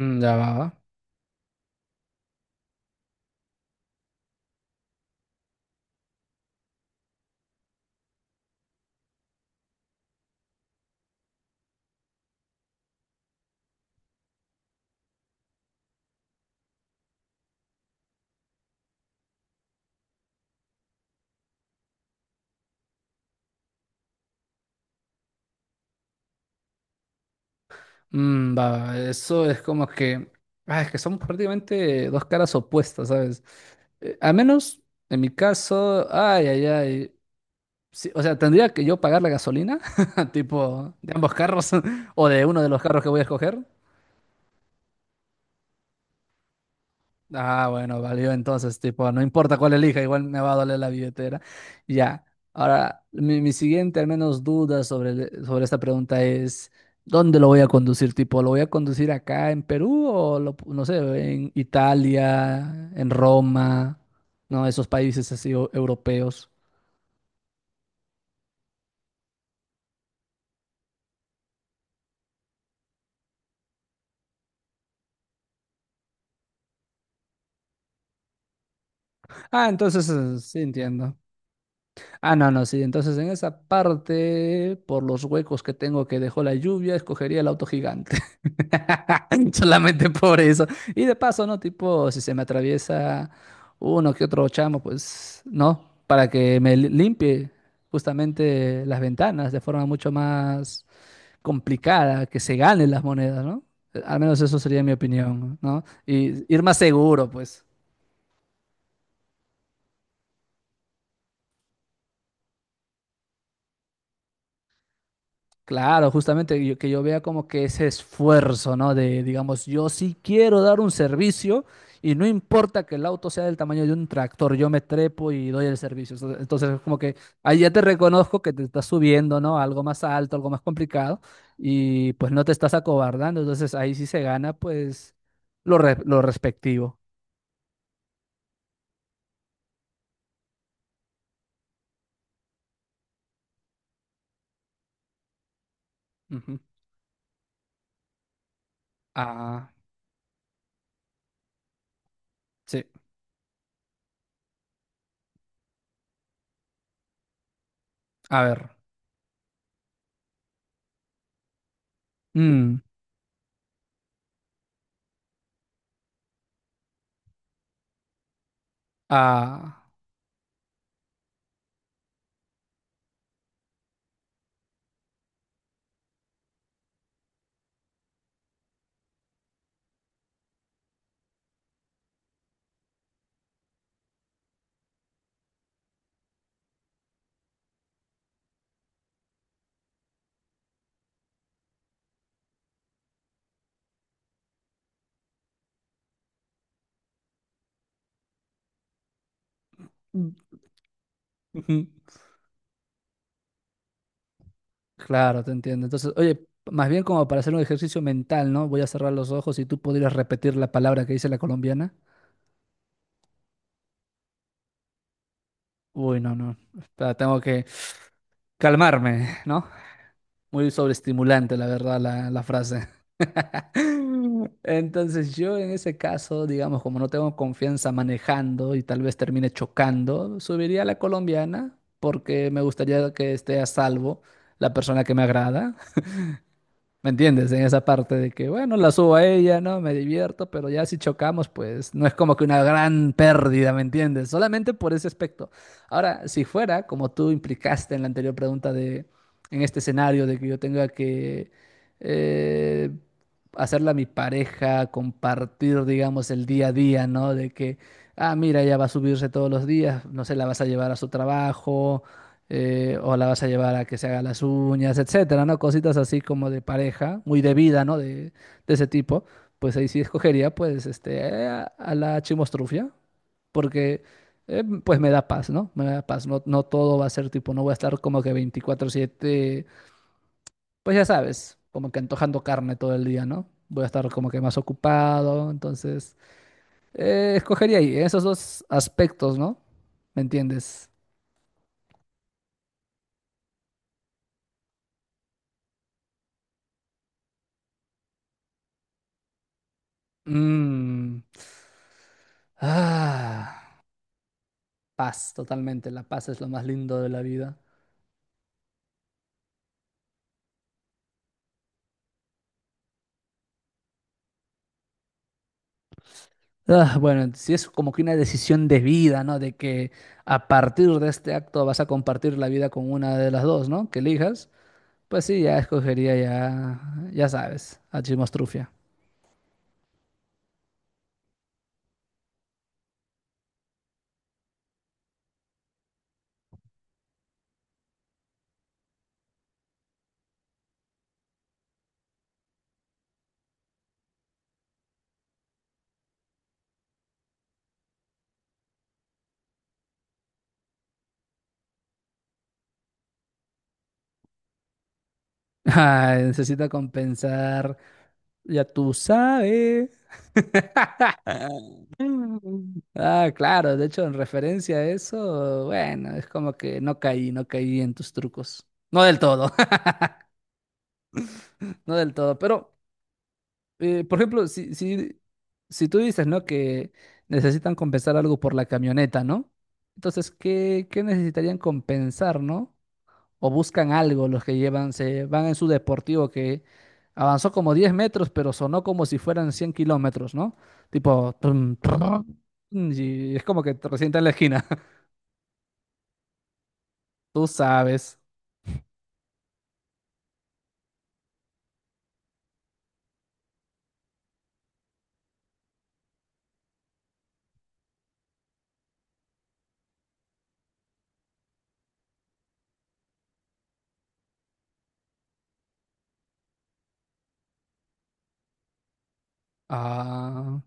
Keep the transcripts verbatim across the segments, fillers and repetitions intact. Mm, Ya va, va. Mm, va, va. Eso es como que. Ah, es que son prácticamente dos caras opuestas, ¿sabes? Eh, al menos en mi caso. Ay, ay, ay. Sí, o sea, tendría que yo pagar la gasolina, tipo de ambos carros o de uno de los carros que voy a escoger. Ah, bueno, valió entonces, tipo, no importa cuál elija, igual me va a doler la billetera. Ya. Ahora, mi, mi siguiente, al menos, duda sobre, el- sobre esta pregunta es, ¿dónde lo voy a conducir? Tipo, ¿lo voy a conducir acá en Perú o, lo pu- no sé, en Italia, en Roma, no, esos países así o- europeos? Ah, entonces, eh, sí entiendo. Ah, no, no, sí. Entonces, en esa parte, por los huecos que tengo que dejó la lluvia, escogería el auto gigante. Solamente por eso. Y de paso, ¿no? Tipo, si se me atraviesa uno que otro chamo, pues, ¿no? Para que me li- limpie justamente las ventanas de forma mucho más complicada, que se ganen las monedas, ¿no? Al menos eso sería mi opinión, ¿no? Y ir más seguro, pues. Claro, justamente yo- que yo vea como que ese esfuerzo, ¿no? De, digamos, yo sí quiero dar un servicio y no importa que el auto sea del tamaño de un tractor, yo me trepo y doy el servicio. Entonces, entonces es como que ahí ya te reconozco que te estás subiendo, ¿no? A algo más alto, algo más complicado y pues no te estás acobardando. Entonces ahí sí se gana, pues, lo, re- lo respectivo. Ujú. Ah, sí. A ver. Mm, ah. Claro, te entiendo. Entonces, oye, más bien como para hacer un ejercicio mental, ¿no? Voy a cerrar los ojos y tú podrías repetir la palabra que dice la colombiana. Uy, no, no. Espera, tengo que calmarme, ¿no? Muy sobreestimulante, la verdad, la, la frase. Entonces, yo en ese caso, digamos, como no tengo confianza manejando y tal vez termine chocando, subiría a la colombiana porque me gustaría que esté a salvo la persona que me agrada. ¿Me entiendes? En esa parte de que, bueno, la subo a ella, ¿no? Me divierto, pero ya si chocamos, pues no es como que una gran pérdida, ¿me entiendes? Solamente por ese aspecto. Ahora, si fuera, como tú implicaste en la anterior pregunta de, en este escenario de que yo tenga que eh, hacerla mi pareja, compartir, digamos, el día a día, ¿no? De que, ah, mira, ella va a subirse todos los días, no sé, la vas a llevar a su trabajo, eh, o la vas a llevar a que se haga las uñas, etcétera, ¿no? Cositas así como de pareja, muy de vida, ¿no? De, de ese tipo, pues ahí sí escogería, pues, este, eh, a, a la chimostrufia, porque, eh, pues, me da paz, ¿no? Me da paz, no, no todo va a ser tipo, no voy a estar como que veinticuatro siete, pues ya sabes, como que antojando carne todo el día, ¿no? Voy a estar como que más ocupado, entonces, eh, escogería ahí esos dos aspectos, ¿no? ¿Me entiendes? Mm, ah, paz, totalmente. La paz es lo más lindo de la vida. Ah, bueno, si es como que una decisión de vida, ¿no? De que a partir de este acto vas a compartir la vida con una de las dos, ¿no? Que elijas. Pues sí, ya escogería ya, ya sabes, a Chimostrufia. Ay, necesita compensar. Ya tú sabes. Mm. Ah, claro, de hecho, en referencia a eso, bueno, es como que no caí, no caí en tus trucos. No del todo, no del todo, pero, eh, por ejemplo, si, si, si tú dices, ¿no? Que necesitan compensar algo por la camioneta, ¿no? Entonces, ¿qué, ¿qué necesitarían compensar, ¿no? O buscan algo los que llevan, se van en su deportivo que avanzó como diez metros, pero sonó como si fueran cien kilómetros, ¿no? Tipo, tum, tum, y es como que te resienta en la esquina. Tú sabes. Ah,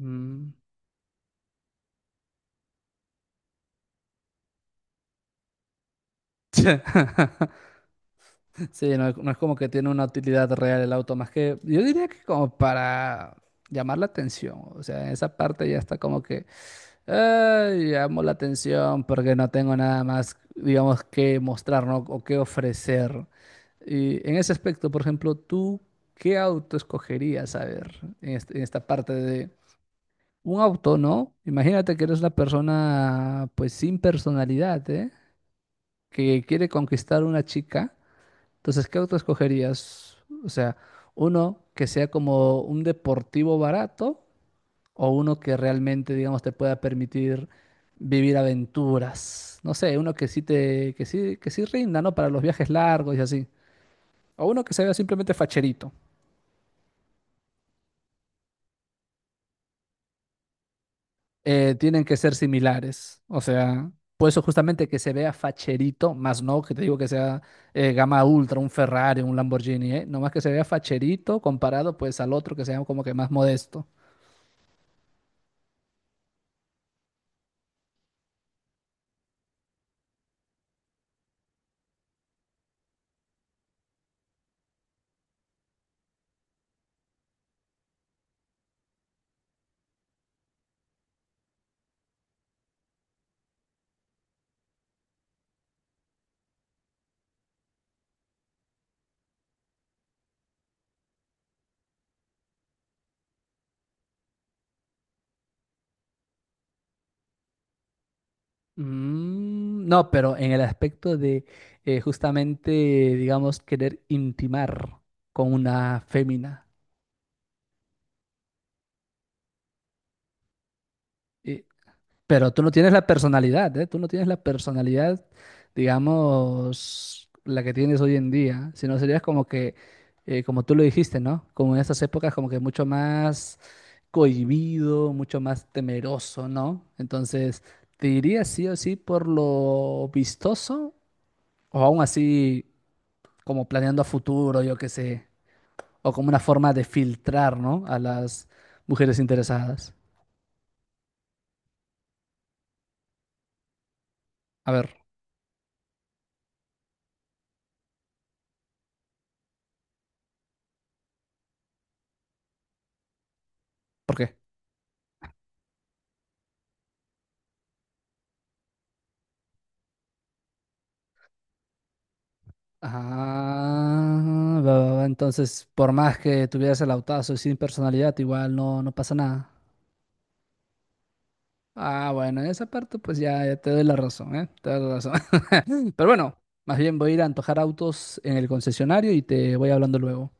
mm. Sí, no, es no es como que tiene una utilidad real el auto, más que yo diría que como para llamar la atención. O sea, en esa parte ya está como que "Ay, llamo la atención porque no tengo nada más, digamos, que mostrar, ¿no? O que ofrecer. Y en ese aspecto, por ejemplo, ¿tú qué auto escogerías, a ver, en este- en esta parte de un auto, ¿no? Imagínate que eres una persona, pues, sin personalidad, ¿eh? Que quiere conquistar una chica, entonces, ¿qué auto escogerías? O sea, uno que sea como un deportivo barato o uno que realmente, digamos, te pueda permitir vivir aventuras. No sé, uno que sí te, que sí, que sí rinda, ¿no? Para los viajes largos y así. O uno que se vea simplemente facherito. eh, tienen que ser similares. O sea, por eso justamente que se vea facherito, más no que te digo que sea eh, gama ultra, un Ferrari, un Lamborghini, ¿eh? Nomás que se vea facherito comparado pues al otro que sea como que más modesto. Mm, no, pero en el aspecto de eh, justamente, digamos, querer intimar con una fémina. Eh, Pero tú no tienes la personalidad, ¿eh? Tú no tienes la personalidad, digamos, la que tienes hoy en día, sino serías como que, eh, como tú lo dijiste, ¿no? Como en esas épocas, como que mucho más cohibido, mucho más temeroso, ¿no? Entonces, ¿te dirías sí o sí por lo vistoso o aún así como planeando a futuro, yo qué sé, o como una forma de filtrar, ¿no? A las mujeres interesadas. A ver, ¿por qué? Ah, va, va, va, entonces, por más que tuvieras el autazo y sin personalidad, igual no, no pasa nada. Ah, bueno, en esa parte pues ya, ya te doy la razón, ¿eh? Te doy la razón. Pero bueno, más bien voy a ir a antojar autos en el concesionario y te voy hablando luego.